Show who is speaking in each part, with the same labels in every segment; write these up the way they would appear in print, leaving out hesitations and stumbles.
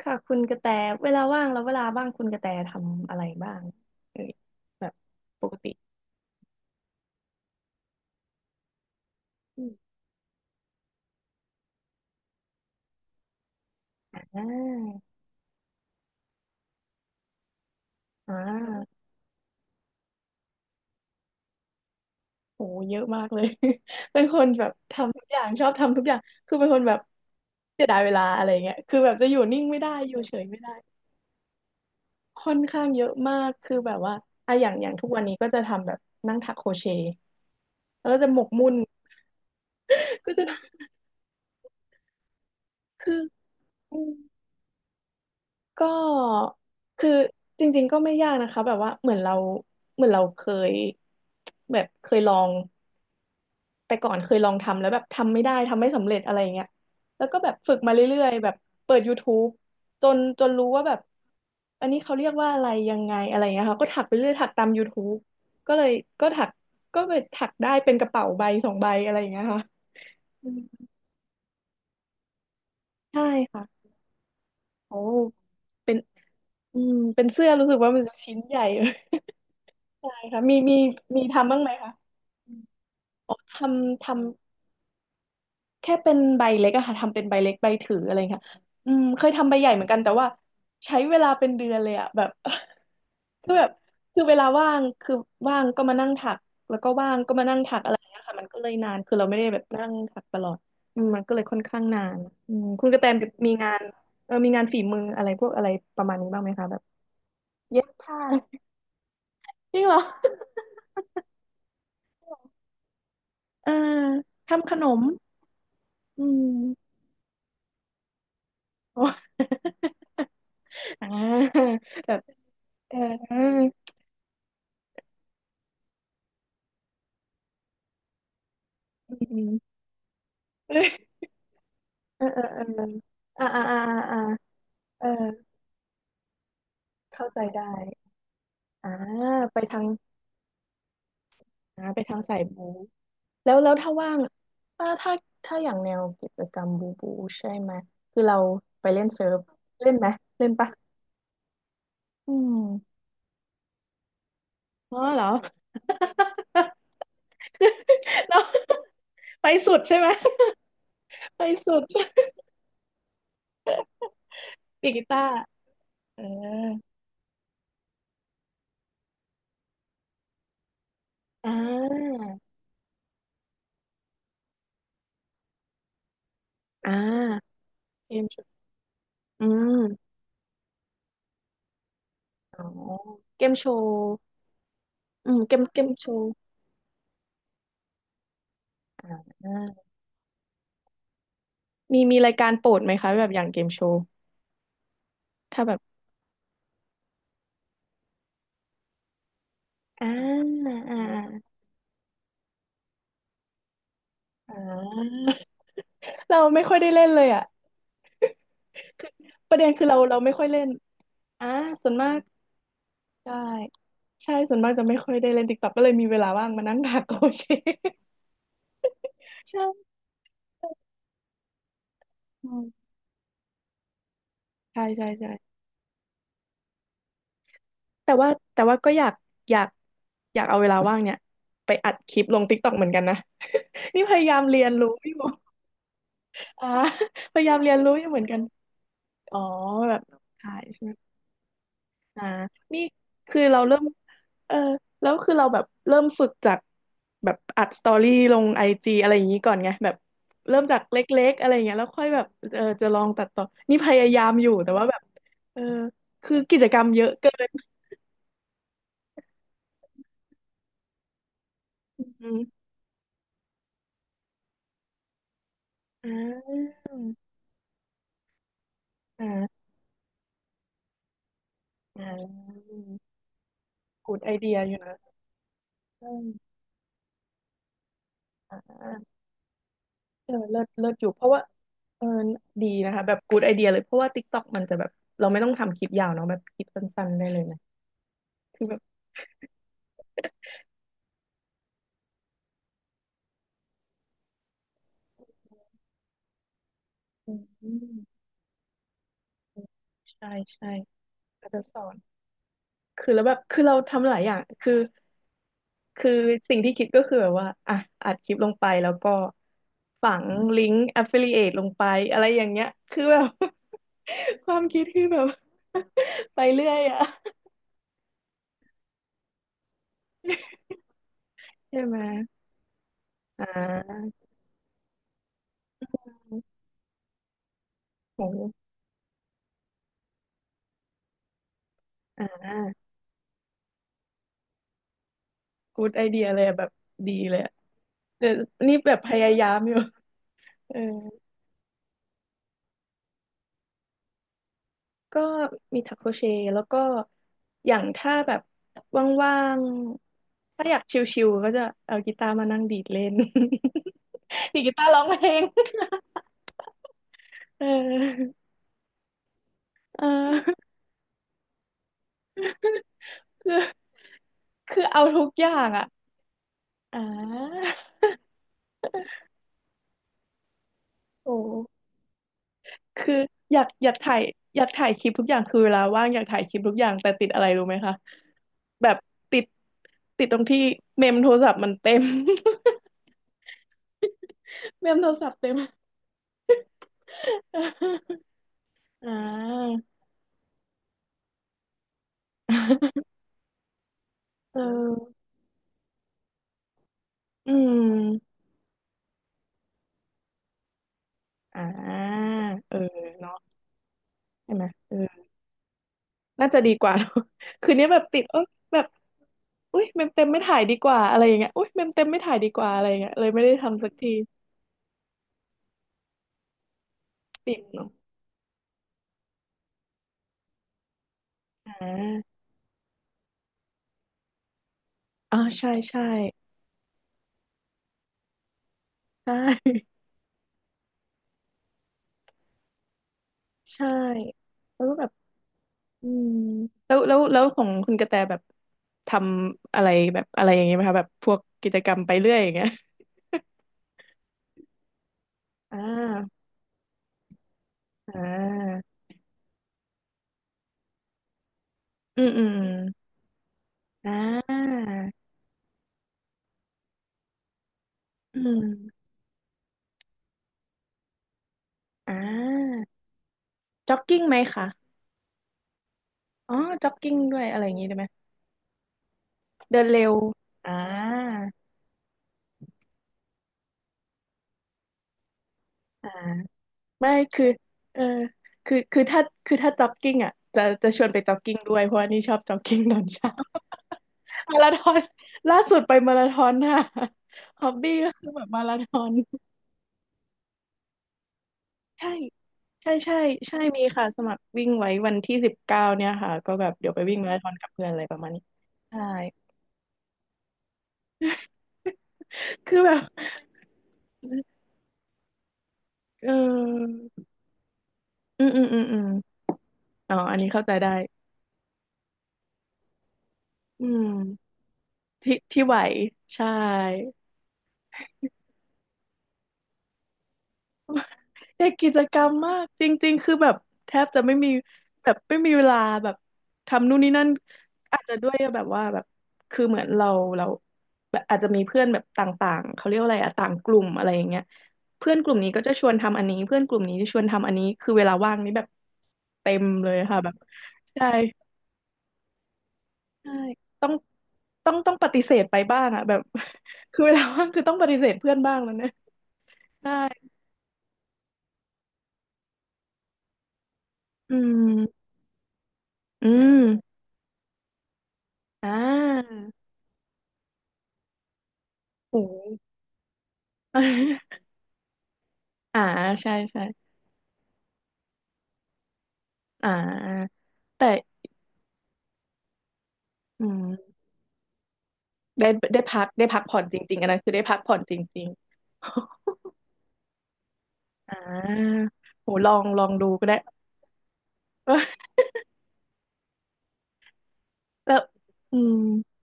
Speaker 1: ค่ะคุณกระแตเวลาว่างแล้วเวลาว่างคุณกระแตทำอะไรบ้างเอยแบบปกติอมอ่าอ่าโหเยอะมากเลย เป็นคนแบบทำทุกอย่างชอบทำทุกอย่างคือเป็นคนแบบเสียดายเวลาอะไรเงี้ยคือแบบจะอยู่นิ่งไม่ได้อยู่เฉยไม่ได้ค่อนข้างเยอะมากคือแบบว่าอะอย่างอย่างทุกวันนี้ก็จะทำแบบนั่งถักโครเชต์แล้วก็จะหมกมุ่น ก็จะคือ ก็คือจริงๆก็ไม่ยากนะคะแบบว่าเหมือนเราเหมือนเราเคยแบบเคยลองไปก่อนเคยลองทำแล้วแบบทำไม่ได้ทำไม่สำเร็จอะไรอย่างเงี้ยแล้วก็แบบฝึกมาเรื่อยๆแบบเปิด YouTube จนจนรู้ว่าแบบอันนี้เขาเรียกว่าอะไรยังไงอะไรอย่างเงี้ยค่ะก็ถักไปเรื่อยถักตาม YouTube ก็เลยก็ถักก็ไปถักได้เป็นกระเป๋าใบสองใบอะไรอย่างเงี้ยค่ะอืมใช่ค่ะโอ้เป็นอืมเป็นเสื้อรู้สึกว่ามันจะชิ้นใหญ่ เลย ใช่ค่ะมีมีมีทำบ้างไหมคะทำทำแค่เป็นใบเล็กอะค่ะทำเป็นใบเล็กใบถืออะไรค่ะอืมเคยทำใบใหญ่เหมือนกันแต่ว่าใช้เวลาเป็นเดือนเลยอะแบบ คือแบบคือเวลาว่างคือว่างก็มานั่งถักแล้วก็ว่างก็มานั่งถักอะไรอย่างเงี้ยค่ะมันก็เลยนานคือเราไม่ได้แบบนั่งถักตลอดอืมมันก็เลยค่อนข้างนานอืมคุณกระแตมีงานเออมีงานฝีมืออะไรพวกอะไรประมาณนี้บ้างไหมคะแบบเย็บผ้า จริงเหรอเออทำขนมอืม โอ้อ่าแบบเออ เอออืมเออเออเอออ่าอ่าอ่าอ่าเออเข้าใจได้อ่าไปทางอ่าไปทางสายบูแล้วแล้วถ้าว่างถ้าถ้าถ้าอย่างแนวกิจกรรมบูบูใช่ไหม คือเราไปเล่นเซิร์ฟเล่นไหม เล่นปะอืมอ๋อเหรอ เนาะไปสุดใช่ไหม ไปสุด ใดีดกีตาร์เอออ่า อ่าเกมโชว์อืมอ๋อเกมโชว์อืมเกมเกมโชว์อ่ามีมีรายการโปรดไหมคะแบบอย่างเกมโชว์ถ้าแบบอ่าอ่าอ่า เราไม่ค่อยได้เล่นเลยอ่ะคือประเด็นคือเราเราไม่ค่อยเล่นอ่าส่วนมากได้ใช่ส่วนมากจะไม่ค่อยได้เล่นติ๊กต็อกก็เลยมีเวลาว่างมานั่งหา โกเชใช่อืมใช่ใช่ใช่แต่ว่าแต่ว่าก็อยากอยากอยากเอาเวลาว่างเนี่ยไปอัดคลิปลงติ๊กต็อกเหมือนกันนะ นี่พยายามเรียนรู้อยู่อ่าพยายามเรียนรู้อยู่เหมือนกันอ๋อแบบถ่ายใช่ไหมอ่านี่คือเราเริ่มเออแล้วคือเราแบบเริ่มฝึกจากแบบอัดสตอรี่ลงไอจีอะไรอย่างนี้ก่อนไงแบบเริ่มจากเล็กๆอะไรอย่างเงี้ยแล้วค่อยแบบเออจะลองตัดต่อนี่พยายามอยู่แต่ว่าแบบเออคือกิจกรรมเยอะเกินอืมอ่าอ่าอ่ากูดไอเดียอยู่นะอืมอ่า เออเลิศเลิศอยู่เพราะว่าเออดีนะคะแบบกูดไอเดียเลยเพราะว่า TikTok มันจะแบบเราไม่ต้องทำคลิปยาวเนาะแบบคลิปสั้นๆได้เลยนะคือแบบอืมใช่ใช่ก็จะสอนคือแล้วแบบคือเราทำหลายอย่างคือคือสิ่งที่คิดก็คือแบบว่าอ่ะอัดคลิปลงไปแล้วก็ฝังลิงก์ affiliate ลงไปอะไรอย่างเงี้ยคือแบบ ความคิดคือแบบ ไปเรื่อยอะใช่ไหมอ่าโหอ่า กูดไอเดียเลยอะแบบดีเลยอะเดี๋ยวนี่แบบพยายามอยู่เออก็มีถักโครเชต์แล้วก็อย่างถ้าแบบว่างๆถ้าอยากชิลๆก็จะเอากีตาร์มานั่งดีดเล่น ดีดกีตาร์ร้องเพลงเออเออคือคือเอาทุกอย่างอ่ะอ่าโอ้คืออยากอยากถ่ายอยากถ่ายคลิปทุกอย่างคือเวลาว่างอยากถ่ายคลิปทุกอย่างแต่ติดอะไรรู้ไหมคะ แบบติดติดตรงที่เมมโทรศัพท์มันเต็ม เมมโทรศัพท์เต็ม อ่า เอออืมอ่าเออเนาะใช่ไหมเออน่าจะดีกว่า เนอะคืนนี้แบบติดเอ้ยแบบอุ้ยเมมเต็มไม่ถ่ายดีกว่าอะไรอย่างเงี้ยอุ้ยเมมเต็มไม่ถ่ายดีกว่าอะไรอย่างเงี้ยเลยไม่ได้ทำสักทีติดเนาะอ่าอ่าใช่ใช่ใช่ใช่แล้วก็แบบ อืมแล้วแล้วแล้วของคุณกระแตแบบทำอะไรแบบอะไรอย่างเงี้ยไหมคะแบบพวกกิจกรรมไปเรื่อยอย่างเงี้ยอ่าอ่าอืมอืมอมอ่าอืมอ่าจ็อกกิ้งไหมคะอ๋อจ็อกกิ้งด้วยอะไรอย่างงี้ได้ไหมเดินเร็วอ่าอ่า ไม่คือเออถ้าถ้าจ็อกกิ้งอ่ะจะชวนไปจ็อกกิ้งด้วยเพราะว่านี่ชอบจ็อกกิ้งตอนเช้า มาราธอนล่าสุดไปมาราธอนค่ะ ฮอบบี้ก็คือแบบมาราธอนใช่ใช่ใช่ใช่มีค่ะสมัครวิ่งไว้วันที่19เนี่ยค่ะก็แบบเดี๋ยวไปวิ่งมาราธอนกับเพื่อนอะไรประมาณนี้ใช่คือแบบเอออืมอืมอืมอืมอ๋ออันนี้เข้าใจได้อืมที่ที่ไหวใช่ เด็กกิจกรรมมากจริงๆ คือแบบแทบจะไม่มีแบบไม่มีเวลาแบบทำนู่นนี่นั่นอาจจะด้วยแบบว่าแบบคือเหมือนเราแบบอาจจะมีเพื่อนแบบต่างๆเขาเรียกว่าอะไรอะต่างกลุ่มอะไรอย่างเงี้ยเพื่อนกลุ่มนี้ก็จะชวนทำอันนี้เพื่อนกลุ่มนี้จะชวนทำอันนี้คือเวลาว่างนี้แบบเต็มเลยค่ะแบบใช่ใช่ต้องต้องปฏิเสธไปบ้างอะแบบ คือเวลาว่างคือต้องปฏิเสธเพื่อนบ้างแล้วเนี่ยใช่อืมอืมอ่าโห อ่าใช่ใช่อ่าแต่อืมได้ได้พักได้พักผ่อนจริงๆอันนั้นคือได้พักผ่อนจริงๆ อ่าโหลองดูก็ได้ แล้วอืม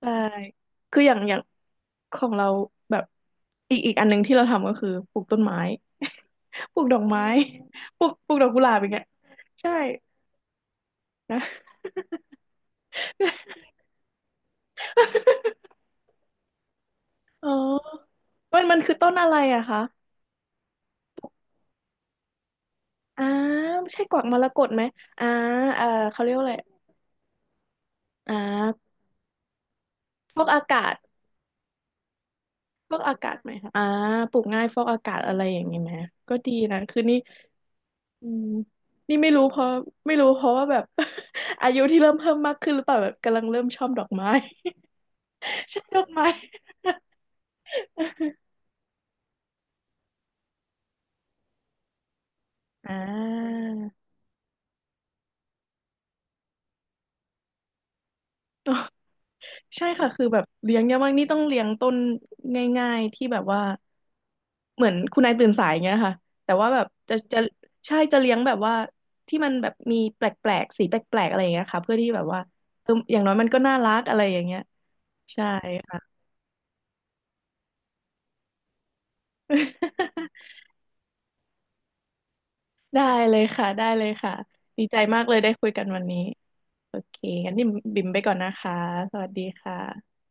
Speaker 1: ใช่คืออย่างของเราแบบอีกอันหนึงที่เราทำก็คือปลูกต้นไม้ ปลูกดอกไม้ ปลูกดอกกุหลาบอย่างเงี้ยใช่นะ อ๋อมันคือต้นอะไรอะคะ อ่าไม่ใช่กวักมรกตไหมอ่าเออเขาเรียกว่าอะไรอ่าฟอกอากาศฟอกอากาศไหมคะอ่าปลูกง่ายฟอกอากาศอะไรอย่างนี้ไหมก็ดีนะคือนี่อืมนี่ไม่รู้เพราะว่าแบบ อายุที่เริ่มเพิ่มมากขึ้นหรือเปล่าแบบกำลังเริ่มชอบดอกไม้ ชอบดอกไม้ อ่า ใช่ค่ะคือแบบเลี้ยงเนี่างนี่ต้องเลี้ยงต้นง่ายๆที่แบบว่า เหมือนคุณนายตื่นสายอย่างเงี้ยค่ะแต่ว่าแบบจะจะใช่จะเลี้ยงแบบว่าที่มันแบบมีแปลกๆสีแปลกๆอะไรอย่างเงี้ยค่ะเพื่อที่แบบว่าเอออย่างน้อยมันก็น่ารักอะไรอย่างเงี้ยใช่ค่ะ ได้เลยค่ะได้เลยค่ะดีใจมากเลยได้คุยกันวันนี้โอเคงั้นนี่บิ่มไปก่อนนะคะสวัสดีค่ะ